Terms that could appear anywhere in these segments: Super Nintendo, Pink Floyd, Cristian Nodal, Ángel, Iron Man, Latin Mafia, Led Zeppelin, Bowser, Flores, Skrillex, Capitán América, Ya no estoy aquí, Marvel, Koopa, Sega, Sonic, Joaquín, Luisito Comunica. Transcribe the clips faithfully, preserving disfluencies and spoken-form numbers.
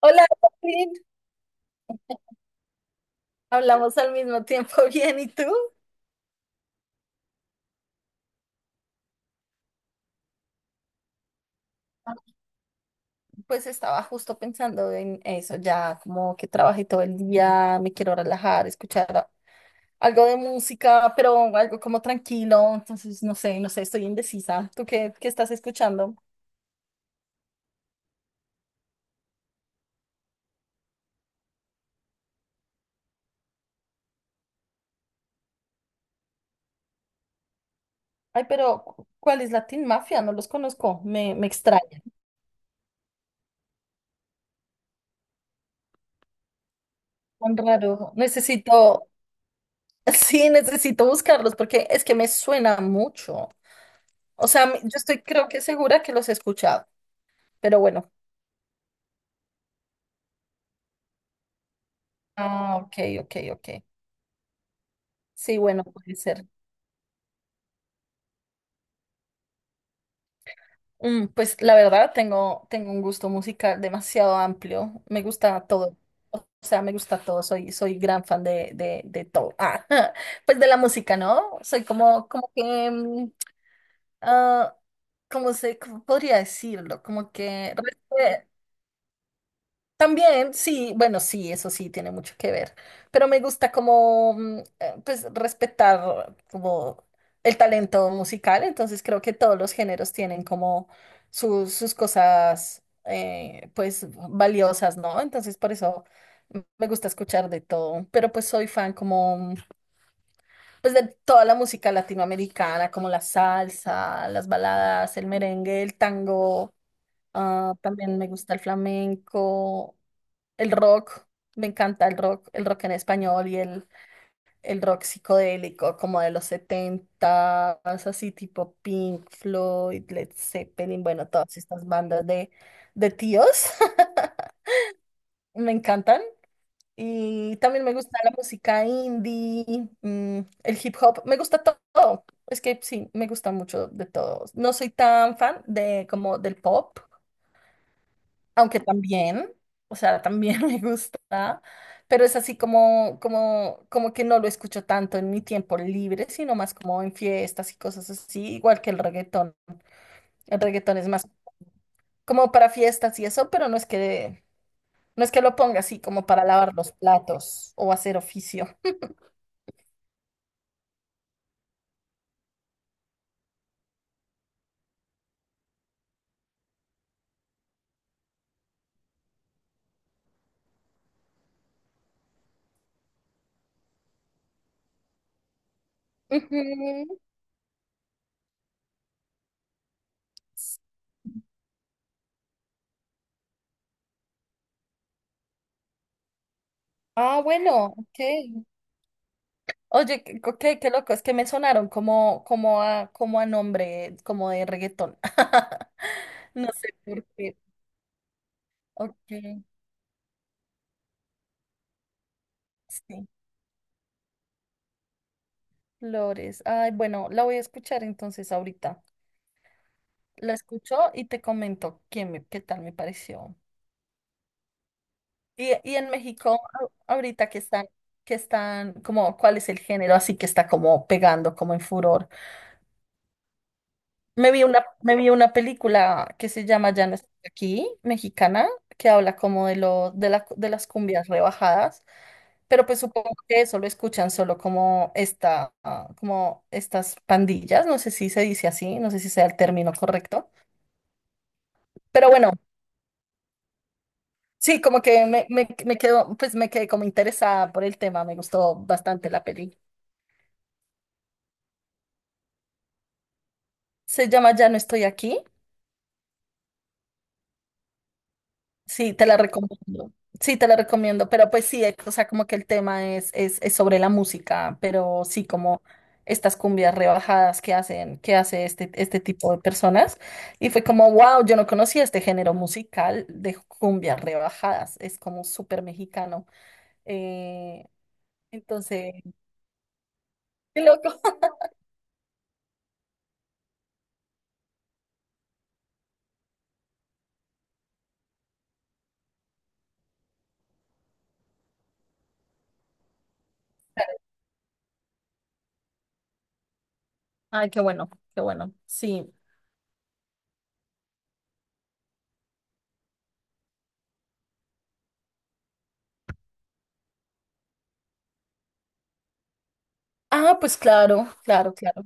Hola, Joaquín. Hablamos al mismo tiempo, bien, ¿y tú? Pues estaba justo pensando en eso, ya como que trabajé todo el día, me quiero relajar, escuchar a- algo de música, pero algo como tranquilo, entonces no sé, no sé, estoy indecisa. ¿Tú qué, qué estás escuchando? Ay, pero cu- ¿cuál es Latin Mafia? No los conozco, me, me extraña. Tan raro. Necesito, sí, necesito buscarlos porque es que me suena mucho. O sea, me- yo estoy creo que segura que los he escuchado, pero bueno. Ah, ok, ok, ok. Sí, bueno, puede ser. Mm, pues la verdad tengo, tengo un gusto musical demasiado amplio. Me gusta todo. O sea, me gusta todo. Soy, soy gran fan de, de, de todo. Ah, pues de la música, ¿no? Soy como, como que, mm, ah, ¿cómo se, cómo podría decirlo? Como que. También, sí, bueno, sí, eso sí tiene mucho que ver, pero me gusta como, mm, eh, pues, respetar como el talento musical, entonces creo que todos los géneros tienen como sus, sus cosas, eh, pues, valiosas, ¿no? Entonces, por eso me gusta escuchar de todo, pero pues soy fan como, pues, de toda la música latinoamericana, como la salsa, las baladas, el merengue, el tango, ah, también me gusta el flamenco. El rock, me encanta el rock, el rock en español y el, el rock psicodélico como de los setenta, así tipo Pink Floyd, Led Zeppelin, bueno, todas estas bandas de, de tíos me encantan. Y también me gusta la música indie, mm, el hip hop, me gusta to- todo. Es que sí, me gusta mucho de todo. No soy tan fan de como del pop. Aunque también, o sea, también me gusta, pero es así como, como, como que no lo escucho tanto en mi tiempo libre, sino más como en fiestas y cosas así, igual que el reggaetón. El reggaetón es más como para fiestas y eso, pero no es que, no es que lo ponga así como para lavar los platos o hacer oficio. Ujú. Ah, bueno, ok. Oye, qué, qué- qué loco, es que me sonaron como, como a, como a nombre, como de reggaetón. No sé por qué. Ok, sí, Flores. Ay, bueno, la voy a escuchar entonces ahorita. La escucho y te comento quién, me, qué tal me pareció. Y, y en México, a- ahorita que están, que están, como, ¿cuál es el género? Así que está como pegando, como en furor. Me vi una, me vi una película que se llama Ya no estoy aquí, mexicana, que habla como de lo, de la, de las cumbias rebajadas, pero pues supongo que eso lo escuchan solo como esta, ah, como estas pandillas, no sé si se dice así, no sé si sea el término correcto, pero bueno, sí, como que me, me, me quedo, pues me quedé como interesada por el tema, me gustó bastante la peli. Se llama Ya no estoy aquí. Sí, te la recomiendo. Sí, te la recomiendo, pero pues sí, eh, o sea, como que el tema es, es, es sobre la música, pero sí, como estas cumbias rebajadas que hacen, que hace este, este tipo de personas. Y fue como, wow, yo no conocía este género musical de cumbias rebajadas, es como súper mexicano. Eh, entonces, qué loco. Ay, qué bueno, qué bueno, sí. Ah, pues claro, claro, claro.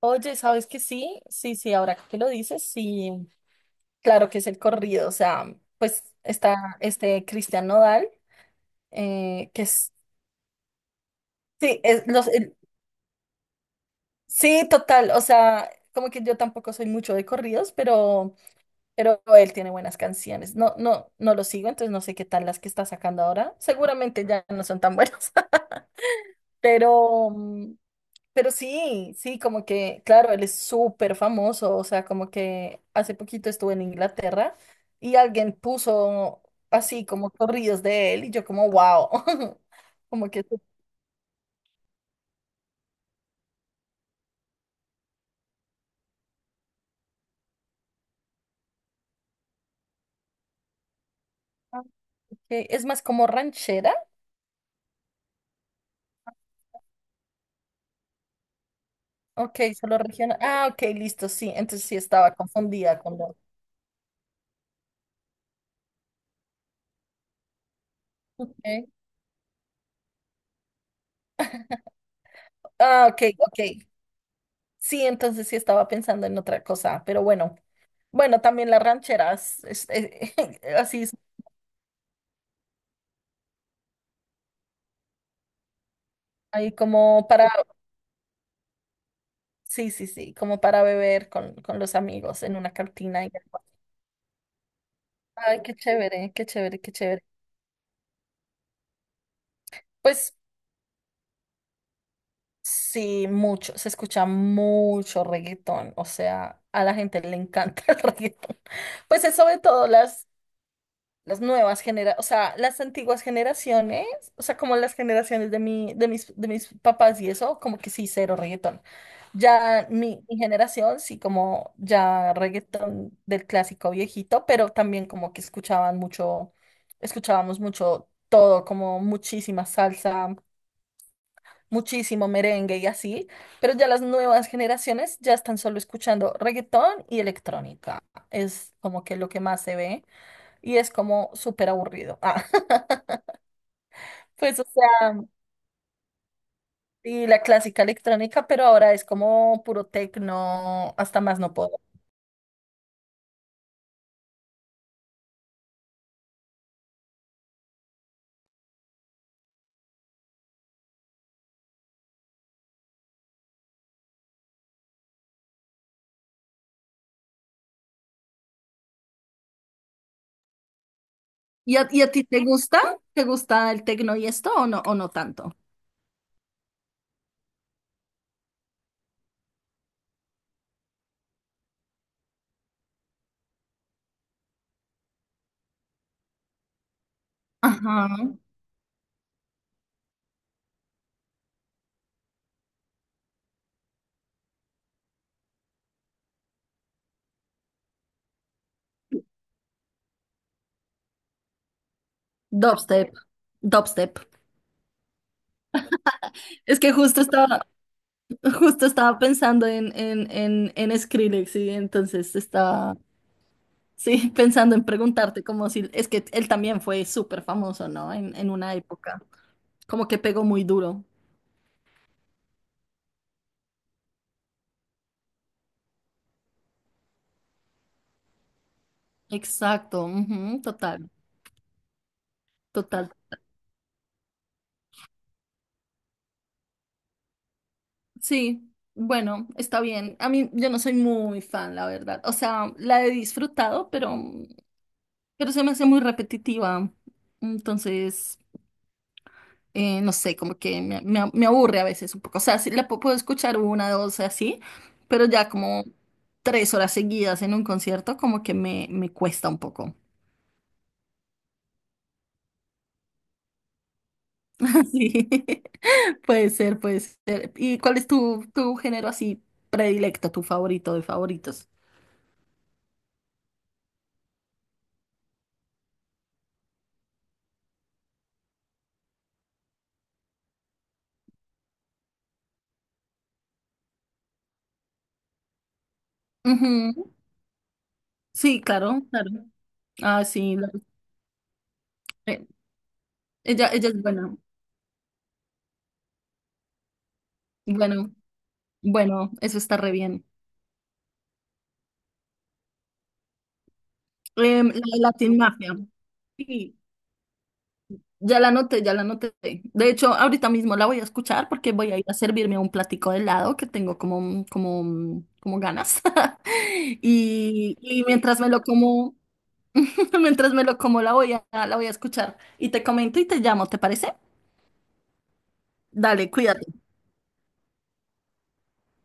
Oye, ¿sabes que sí? Sí, sí, ahora que lo dices, sí. Claro que es el corrido, o sea, pues está este Cristian Nodal, eh, que es, sí, es los, el- sí, total, o sea, como que yo tampoco soy mucho de corridos, pero, pero él tiene buenas canciones. No, no, no lo sigo, entonces no sé qué tal las que está sacando ahora. Seguramente ya no son tan buenas, pero, mm, pero sí, sí, como que, claro, él es súper famoso, o sea, como que hace poquito estuve en Inglaterra y alguien puso así como corridos de él y yo como, wow. Como que ah, ok, es más como ranchera, ok, solo regional, ah, ok, listo, sí, entonces sí estaba confundida con lo, ok, ah, ok, ok, sí, entonces sí estaba pensando en otra cosa, pero bueno, bueno, también las rancheras, es- así, es, hay como para. Sí, sí, sí, como para beber con, con los amigos en una cantina. Y. Ay, qué chévere, qué chévere, qué chévere. Pues sí, mucho, se escucha mucho reggaetón, o sea, a la gente le encanta el reggaetón. Pues es sobre todo las Las nuevas generaciones, o sea, las antiguas generaciones, o sea, como las generaciones de mi, de mis, de mis papás y eso, como que sí, cero reggaetón. Ya mi, mi generación, sí, como ya reggaetón del clásico viejito, pero también como que escuchaban mucho, escuchábamos mucho todo, como muchísima salsa, muchísimo merengue y así, pero ya las nuevas generaciones ya están solo escuchando reggaetón y electrónica. Es como que lo que más se ve y es como súper aburrido. Ah. Pues, o sea, y la clásica electrónica, pero ahora es como puro tecno, hasta más no puedo. ¿Y a, y a ti te gusta? ¿Te gusta el tecno y esto o no, o no tanto? Ajá. Dubstep. Dubstep. Es que justo estaba, justo estaba pensando en, en, en, en Skrillex y entonces estaba, sí, pensando en preguntarte como si, es que él también fue súper famoso, ¿no? En, en una época. Como que pegó muy duro. Exacto. Ujú, total. Total. Sí, bueno, está bien. A mí yo no soy muy fan, la verdad. O sea, la he disfrutado, pero, pero se me hace muy repetitiva. Entonces, eh, no sé, como que me, me- me aburre a veces un poco. O sea, sí, la pu- puedo escuchar una, dos, así, pero ya como tres horas seguidas en un concierto, como que me, me cuesta un poco. Sí, puede ser, puede ser. ¿Y cuál es tu, tu género así predilecto, tu favorito de favoritos? Ujú. Sí, claro, claro. Ah, sí, la- eh, ella, ella es buena. Bueno, bueno, eso está re bien. Em, la de Latin Mafia. Sí, ya la noté, ya la noté. De hecho, ahorita mismo la voy a escuchar porque voy a ir a servirme un platico de helado que tengo como, como, como ganas. Y, y mientras me lo como, mientras me lo como, la voy a, la voy a escuchar. Y te comento y te llamo, ¿te parece? Dale, cuídate.